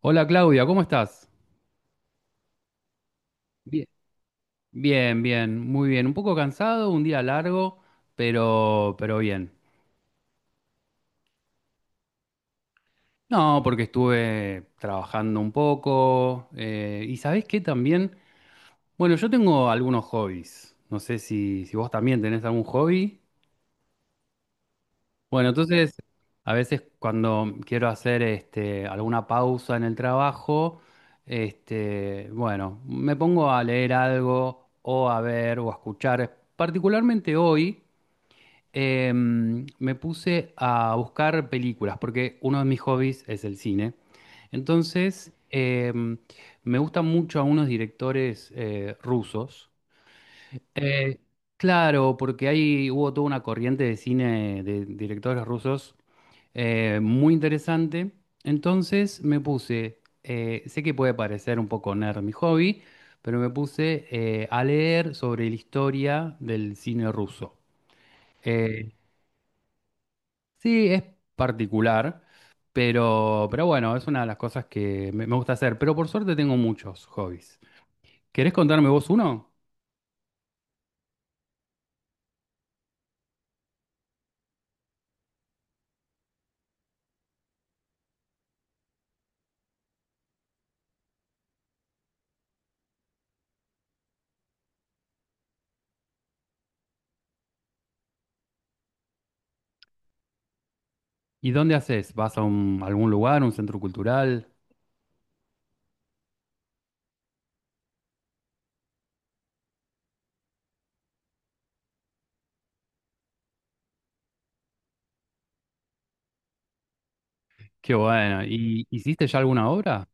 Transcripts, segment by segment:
Hola Claudia, ¿cómo estás? Bien. Bien, bien, muy bien. Un poco cansado, un día largo, pero bien. No, porque estuve trabajando un poco, y ¿sabés qué también? Bueno, yo tengo algunos hobbies. No sé si vos también tenés algún hobby. Bueno, entonces, a veces cuando quiero hacer alguna pausa en el trabajo, bueno, me pongo a leer algo o a ver o a escuchar. Particularmente hoy, me puse a buscar películas, porque uno de mis hobbies es el cine. Entonces, me gustan mucho a unos directores rusos. Eh, claro, porque ahí hubo toda una corriente de cine de directores rusos, muy interesante. Entonces me puse, sé que puede parecer un poco nerd mi hobby, pero me puse, a leer sobre la historia del cine ruso. Eh, Sí, es particular, pero, bueno, es una de las cosas que me gusta hacer. Pero por suerte tengo muchos hobbies. ¿Querés contarme vos uno? ¿Y dónde haces? ¿Vas a algún lugar, un centro cultural? Qué bueno. ¿Y hiciste ya alguna obra?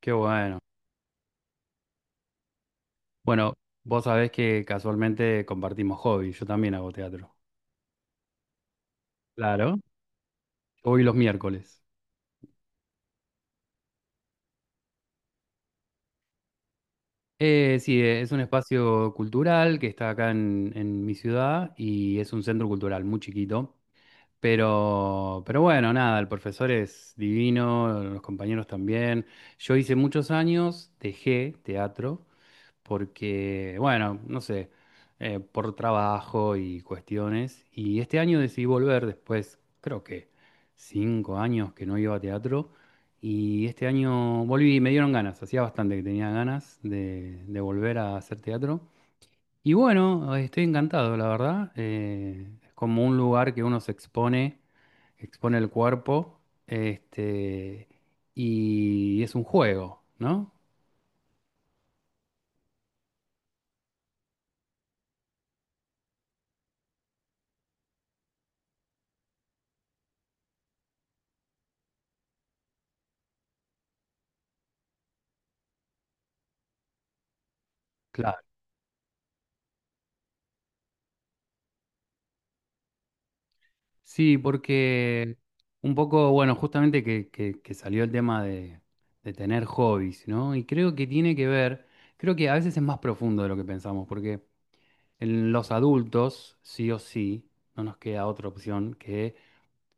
Qué bueno. Bueno, vos sabés que casualmente compartimos hobbies. Yo también hago teatro. Claro. Hoy los miércoles. Sí, es un espacio cultural que está acá en mi ciudad y es un centro cultural muy chiquito. Pero, bueno, nada, el profesor es divino, los compañeros también. Yo hice muchos años, dejé teatro porque, bueno, no sé, por trabajo y cuestiones. Y este año decidí volver después, creo que 5 años que no iba a teatro. Y este año volví y me dieron ganas, hacía bastante que tenía ganas de volver a hacer teatro. Y bueno, estoy encantado, la verdad, es como un lugar que uno se expone el cuerpo, este, y es un juego, ¿no? Claro. Sí, porque un poco, bueno, justamente que, que salió el tema de tener hobbies, ¿no? Y creo que tiene que ver, creo que a veces es más profundo de lo que pensamos, porque en los adultos, sí o sí, no nos queda otra opción que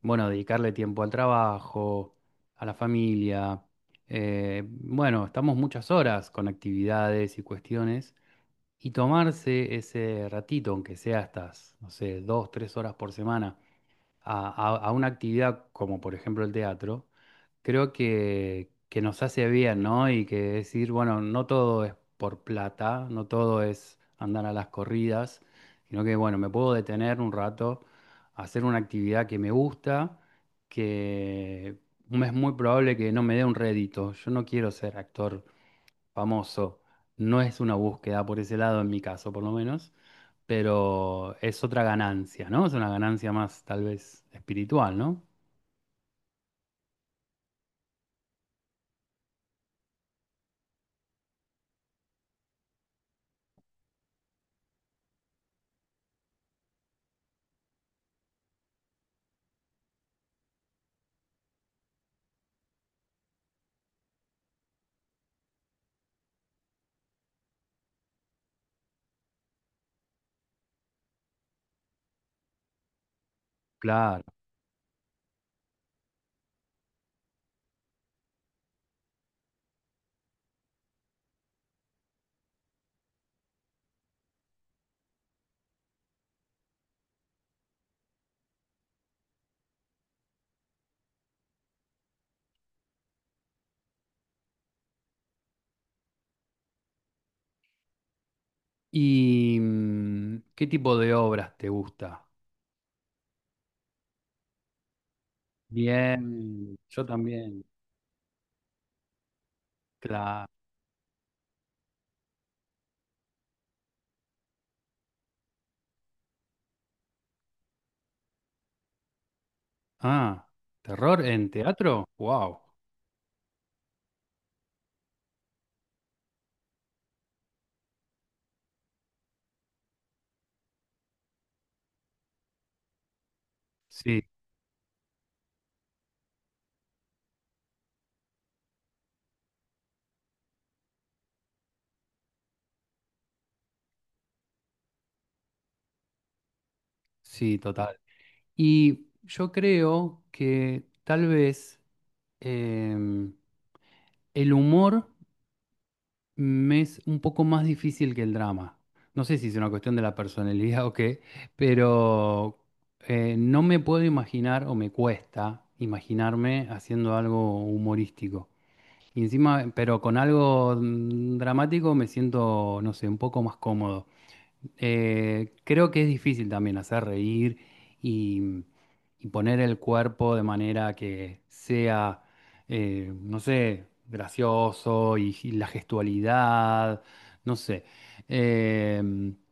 bueno, dedicarle tiempo al trabajo, a la familia. Bueno, estamos muchas horas con actividades y cuestiones, y tomarse ese ratito, aunque sea estas, no sé, 2, 3 horas por semana, a una actividad como por ejemplo el teatro, creo que nos hace bien, ¿no? Y que decir, bueno, no todo es por plata, no todo es andar a las corridas, sino que, bueno, me puedo detener un rato, hacer una actividad que me gusta, que es muy probable que no me dé un rédito. Yo no quiero ser actor famoso, no es una búsqueda por ese lado, en mi caso, por lo menos, pero es otra ganancia, ¿no? Es una ganancia más tal vez espiritual, ¿no? Claro. ¿Y qué tipo de obras te gusta? Bien, yo también. Claro. Ah, ¿terror en teatro? Wow. Sí, sí, total. Y yo creo que tal vez, em, el humor me es un poco más difícil que el drama. No sé si es una cuestión de la personalidad o qué, pero no me puedo imaginar o me cuesta imaginarme haciendo algo humorístico. Y encima, pero con algo dramático me siento, no sé, un poco más cómodo. Creo que es difícil también hacer reír y, y poner el cuerpo de manera que sea, no sé, gracioso y la gestualidad, no sé. Eh,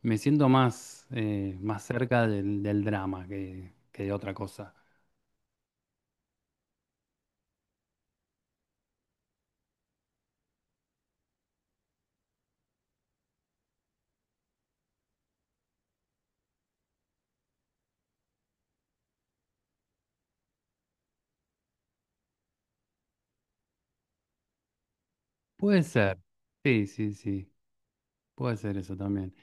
Me siento más, más cerca del, del drama que de otra cosa. Puede ser, sí, sí, sí, puede ser eso también.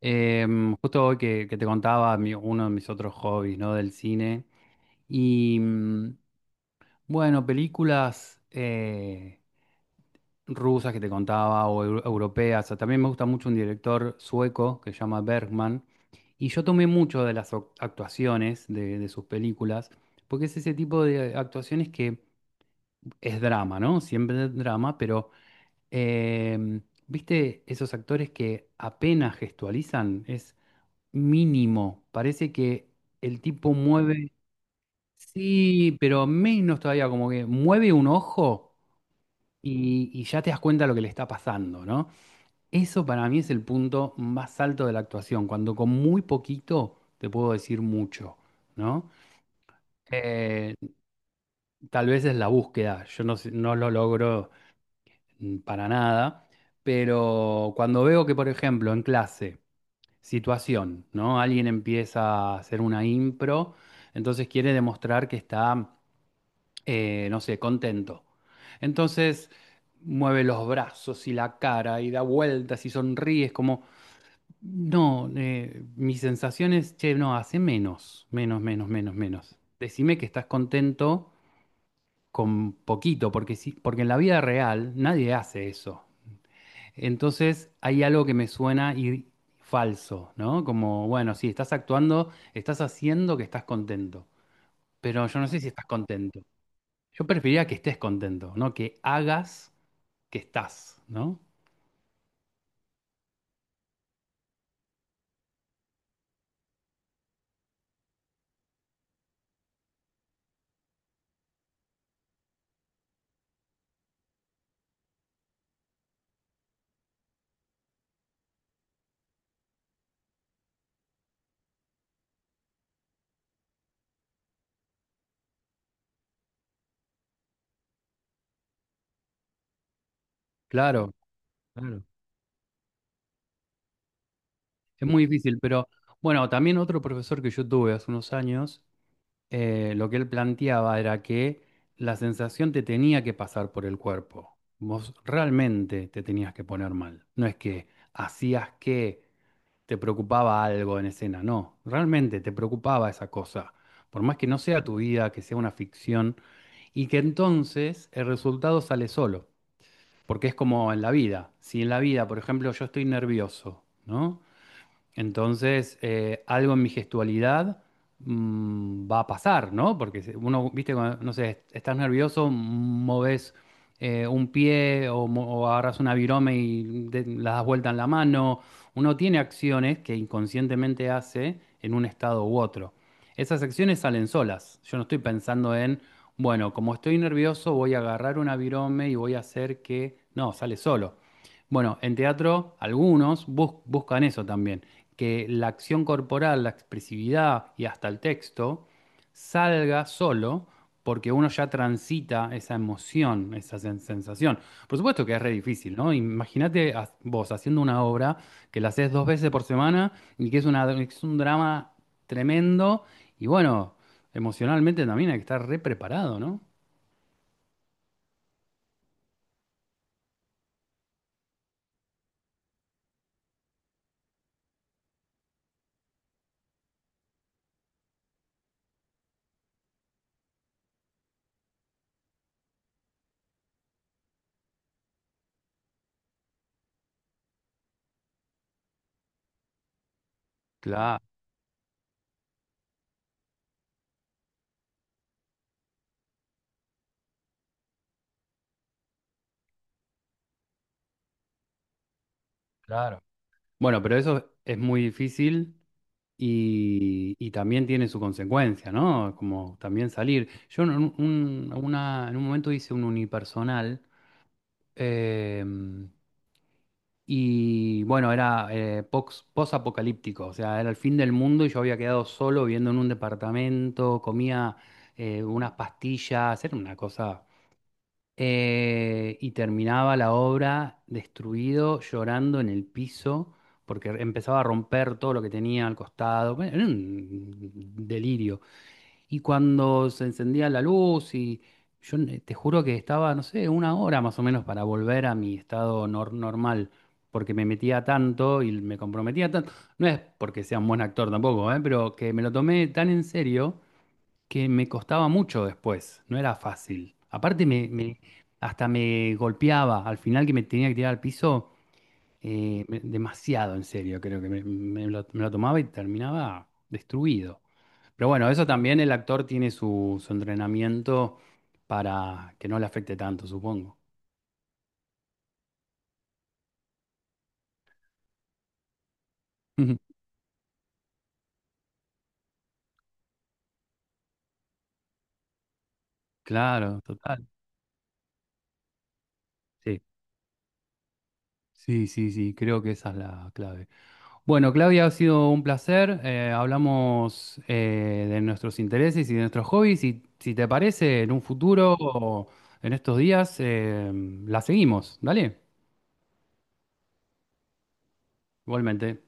Justo hoy que te contaba uno de mis otros hobbies, ¿no? Del cine. Y bueno, películas, rusas que te contaba o europeas. O sea, también me gusta mucho un director sueco que se llama Bergman. Y yo tomé mucho de las actuaciones de sus películas, porque es ese tipo de actuaciones que es drama, ¿no? Siempre es drama, pero, em, ¿viste esos actores que apenas gestualizan? Mínimo. Parece que el tipo mueve, sí, pero menos todavía, como que mueve un ojo y ya te das cuenta lo que le está pasando, ¿no? Eso para mí es el punto más alto de la actuación, cuando con muy poquito te puedo decir mucho, ¿no? Eh, Tal vez es la búsqueda, yo no lo logro, para nada, pero cuando veo que, por ejemplo, en clase, situación, ¿no? Alguien empieza a hacer una impro, entonces quiere demostrar que está, no sé, contento. Entonces mueve los brazos y la cara y da vueltas y sonríe, es como, no, mi sensación es, che, no, hace menos, menos, menos, menos, menos. Decime que estás contento con poquito, porque sí, porque en la vida real nadie hace eso. Entonces hay algo que me suena y falso, ¿no? Como, bueno, sí, estás actuando, estás haciendo que estás contento, pero yo no sé si estás contento. Yo preferiría que estés contento, ¿no? Que hagas que estás, ¿no? Claro, claro. Es muy difícil, pero bueno, también otro profesor que yo tuve hace unos años, lo que él planteaba era que la sensación te tenía que pasar por el cuerpo. Vos realmente te tenías que poner mal. No es que hacías que te preocupaba algo en escena, no, realmente te preocupaba esa cosa, por más que no sea tu vida, que sea una ficción, y que entonces el resultado sale solo, porque es como en la vida, si en la vida, por ejemplo, yo estoy nervioso, ¿no? Entonces, algo en mi gestualidad, va a pasar, ¿no? Porque uno, viste, cuando, no sé, estás nervioso, moves, un pie o, o agarras una virome y la das vuelta en la mano. Uno tiene acciones que inconscientemente hace en un estado u otro. Esas acciones salen solas. Yo no estoy pensando en, bueno, como estoy nervioso, voy a agarrar una virome y voy a hacer que... No, sale solo. Bueno, en teatro algunos buscan eso también, que la acción corporal, la expresividad y hasta el texto salga solo porque uno ya transita esa emoción, esa sensación. Por supuesto que es re difícil, ¿no? Imagínate vos haciendo una obra que la haces 2 veces por semana y que es una, es un drama tremendo y bueno, emocionalmente también hay que estar re preparado, ¿no? Claro, claro. Bueno, pero eso es muy difícil. Y también tiene su consecuencia, ¿no? Como también salir. Yo en en un momento hice un unipersonal, eh, y bueno, era, post-apocalíptico, o sea, era el fin del mundo y yo había quedado solo viviendo en un departamento, comía, unas pastillas, era una cosa, y terminaba la obra destruido, llorando en el piso, porque empezaba a romper todo lo que tenía al costado. Bueno, era un delirio. Y cuando se encendía la luz, y yo te juro que estaba, no sé, una hora más o menos para volver a mi estado normal, porque me metía tanto y me comprometía tanto. No es porque sea un buen actor tampoco, ¿eh? Pero que me lo tomé tan en serio que me costaba mucho después, no era fácil. Aparte hasta me golpeaba, al final que me tenía que tirar al piso, demasiado en serio, creo que me lo tomaba y terminaba destruido. Pero bueno, eso también el actor tiene su entrenamiento para que no le afecte tanto, supongo. Claro, total. Sí. Sí, sí, sí, creo que esa es la clave. Bueno, Claudia, ha sido un placer. Hablamos, de nuestros intereses y de nuestros hobbies y si te parece, en un futuro o en estos días, la seguimos. Dale, igualmente.